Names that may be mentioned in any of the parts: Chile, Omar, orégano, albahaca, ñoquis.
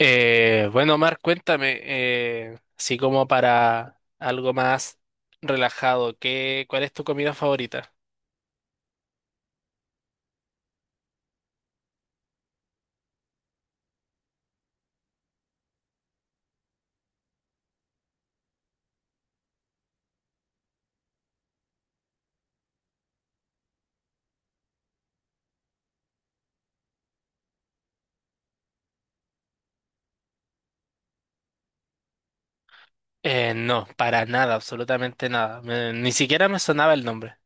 Bueno, Omar, cuéntame, así como para algo más relajado, ¿qué, cuál es tu comida favorita? No, para nada, absolutamente nada. Ni siquiera me sonaba el nombre.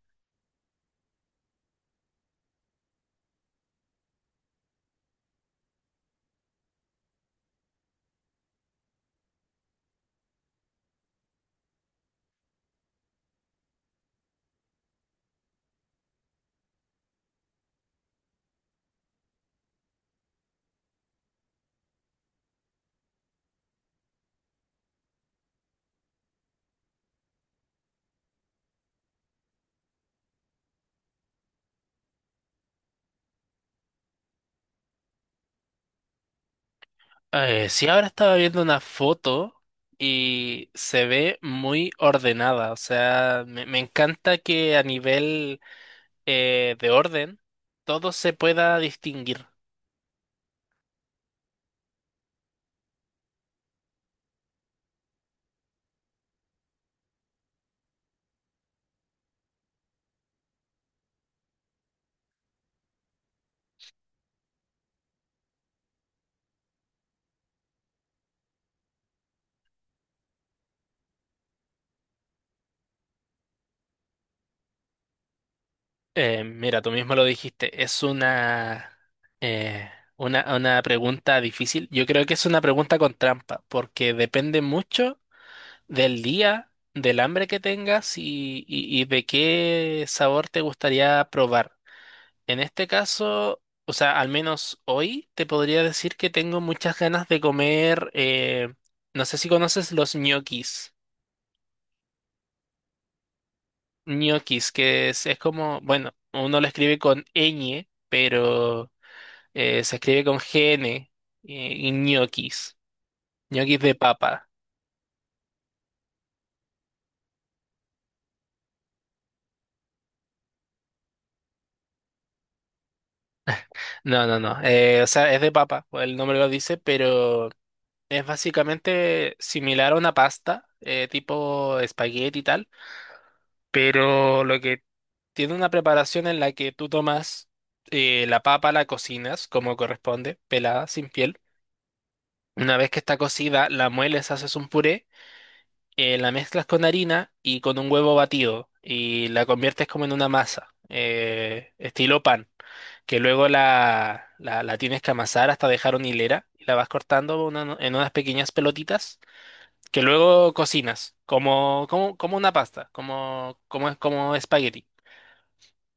Sí, ahora estaba viendo una foto y se ve muy ordenada. O sea, me encanta que a nivel de orden todo se pueda distinguir. Mira, tú mismo lo dijiste, es eh, una una pregunta difícil. Yo creo que es una pregunta con trampa, porque depende mucho del día, del hambre que tengas y de qué sabor te gustaría probar. En este caso, o sea, al menos hoy te podría decir que tengo muchas ganas de comer, no sé si conoces los ñoquis. Ñoquis, es como, bueno, uno lo escribe con ñ, pero... Se escribe con GN, y ñoquis. Ñoquis de papa. No, no, no. O sea, es de papa, pues el nombre lo dice, pero es básicamente similar a una pasta, tipo espagueti y tal, pero lo que tiene una preparación en la que tú tomas, la papa, la cocinas como corresponde, pelada, sin piel. Una vez que está cocida, la mueles, haces un puré, la mezclas con harina y con un huevo batido y la conviertes como en una masa, estilo pan, que luego la tienes que amasar hasta dejar una hilera y la vas cortando no, en unas pequeñas pelotitas que luego cocinas como, como, como una pasta, como, como espagueti.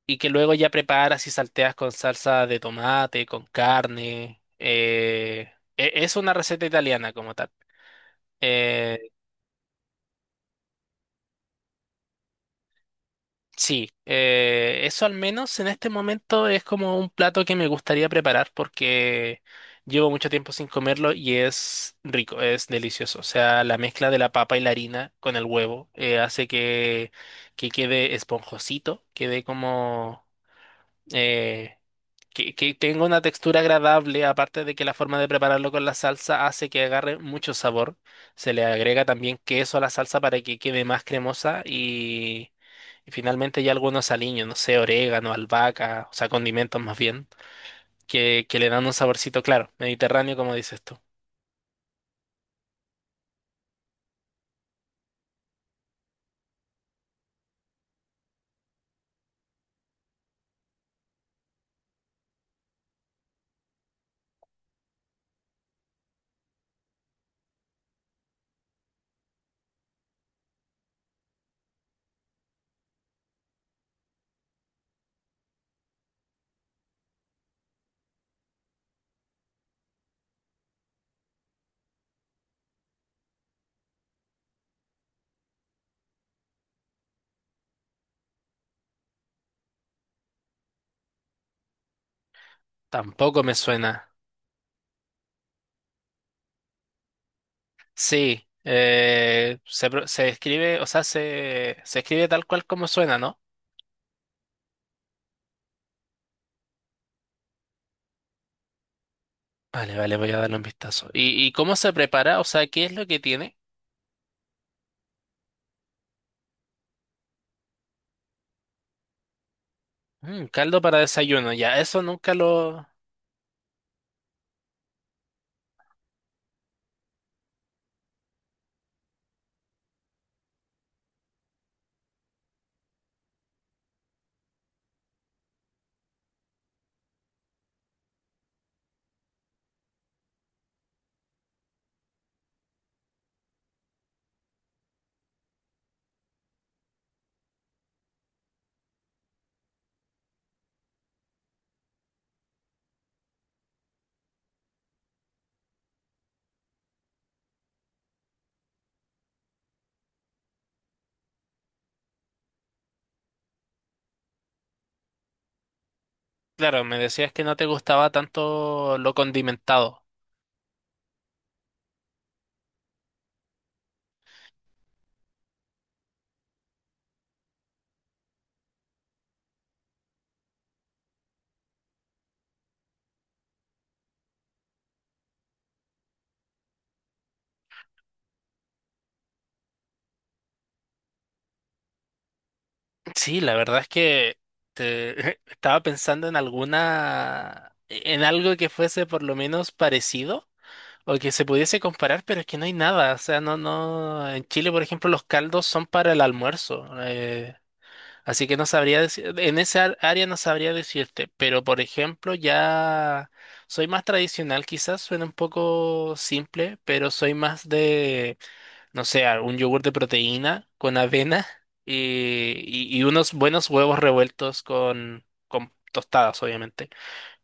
Y que luego ya preparas y salteas con salsa de tomate, con carne. Es una receta italiana como tal. eh, Sí, eso al menos en este momento es como un plato que me gustaría preparar porque llevo mucho tiempo sin comerlo y es rico, es delicioso. O sea, la mezcla de la papa y la harina con el huevo hace que quede esponjosito, quede como... eh, que tenga una textura agradable, aparte de que la forma de prepararlo con la salsa hace que agarre mucho sabor. Se le agrega también queso a la salsa para que quede más cremosa y finalmente ya algunos aliños, no sé, orégano, albahaca, o sea, condimentos más bien, que le dan un saborcito claro, mediterráneo como dices tú. Tampoco me suena. Sí, se escribe, o sea, se escribe tal cual como suena, ¿no? Vale, vale, voy a darle un vistazo. Y cómo se prepara? O sea, ¿qué es lo que tiene? Mm, caldo para desayuno, ya, eso nunca lo... Claro, me decías que no te gustaba tanto lo condimentado. Sí, la verdad es que estaba pensando en alguna... en algo que fuese por lo menos parecido o que se pudiese comparar, pero es que no hay nada. O sea, no, no... En Chile, por ejemplo, los caldos son para el almuerzo. Así que no sabría decir, en esa área no sabría decirte, pero por ejemplo ya soy más tradicional, quizás suena un poco simple, pero soy más de, no sé, un yogur de proteína con avena y unos buenos huevos revueltos con tostadas, obviamente.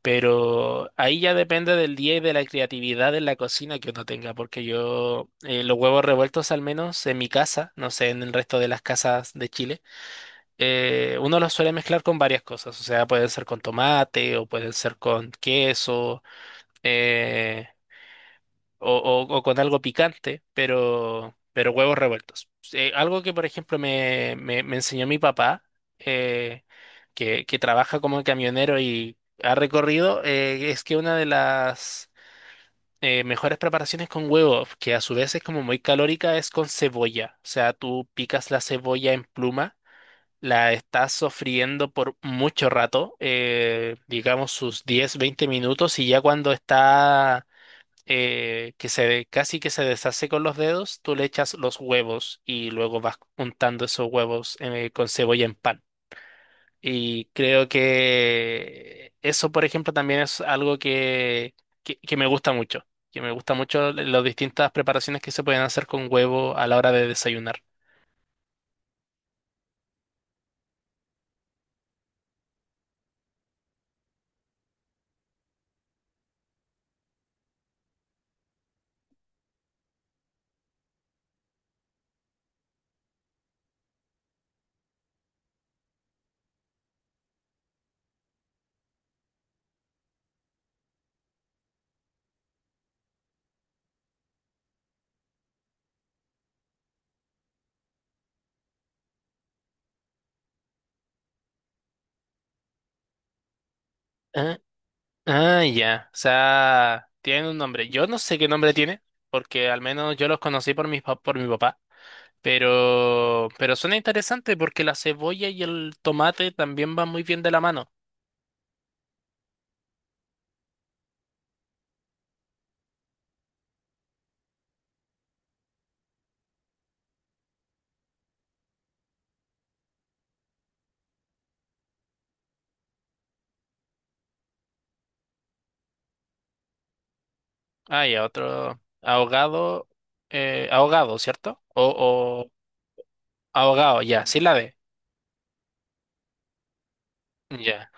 Pero ahí ya depende del día y de la creatividad en la cocina que uno tenga, porque yo los huevos revueltos al menos en mi casa, no sé, en el resto de las casas de Chile, uno los suele mezclar con varias cosas, o sea, pueden ser con tomate o pueden ser con queso, eh, o con algo picante, pero huevos revueltos. Algo que, por ejemplo, me enseñó mi papá, eh, que trabaja como camionero y ha recorrido, es que una de las, mejores preparaciones con huevos, que a su vez es como muy calórica, es con cebolla. O sea, tú picas la cebolla en pluma, la está sofriendo por mucho rato, digamos sus 10 20 minutos, y ya cuando está, que casi que se deshace con los dedos, tú le echas los huevos y luego vas untando esos huevos, con cebolla en pan. Y creo que eso, por ejemplo, también es algo que, que me gusta mucho, que me gusta mucho las distintas preparaciones que se pueden hacer con huevo a la hora de desayunar. Ah, ya. O sea, tienen un nombre. Yo no sé qué nombre tiene, porque al menos yo los conocí por mi papá. Pero suena interesante porque la cebolla y el tomate también van muy bien de la mano. Ah, ya, otro ahogado, ahogado, ¿cierto? O ahogado, ya, sí la de. Ya.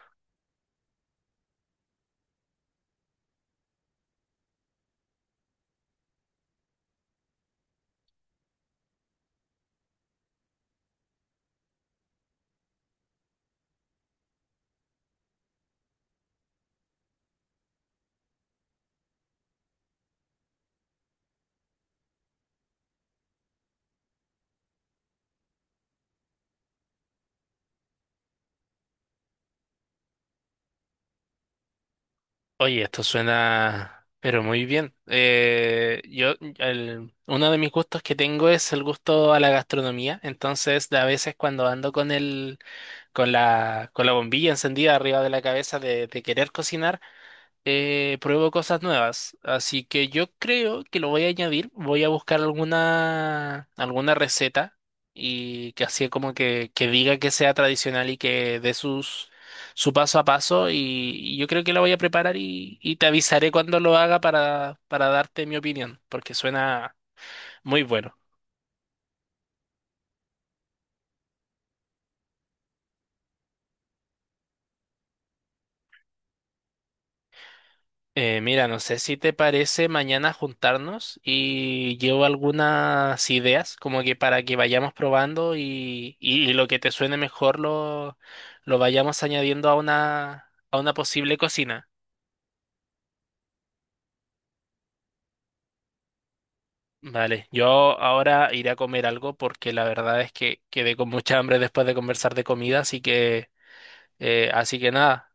Oye, esto suena, pero muy bien. Uno de mis gustos que tengo es el gusto a la gastronomía. Entonces, a veces cuando ando con el, con la bombilla encendida arriba de la cabeza de querer cocinar, pruebo cosas nuevas. Así que yo creo que lo voy a añadir. Voy a buscar alguna, alguna receta y que así como que diga que sea tradicional y que dé sus, su paso a paso. Y yo creo que la voy a preparar y te avisaré cuando lo haga para darte mi opinión, porque suena muy bueno. Mira, no sé si te parece mañana juntarnos y llevo algunas ideas como que para que vayamos probando y lo que te suene mejor lo vayamos añadiendo a una posible cocina. Vale, yo ahora iré a comer algo porque la verdad es que quedé con mucha hambre después de conversar de comida, así que nada.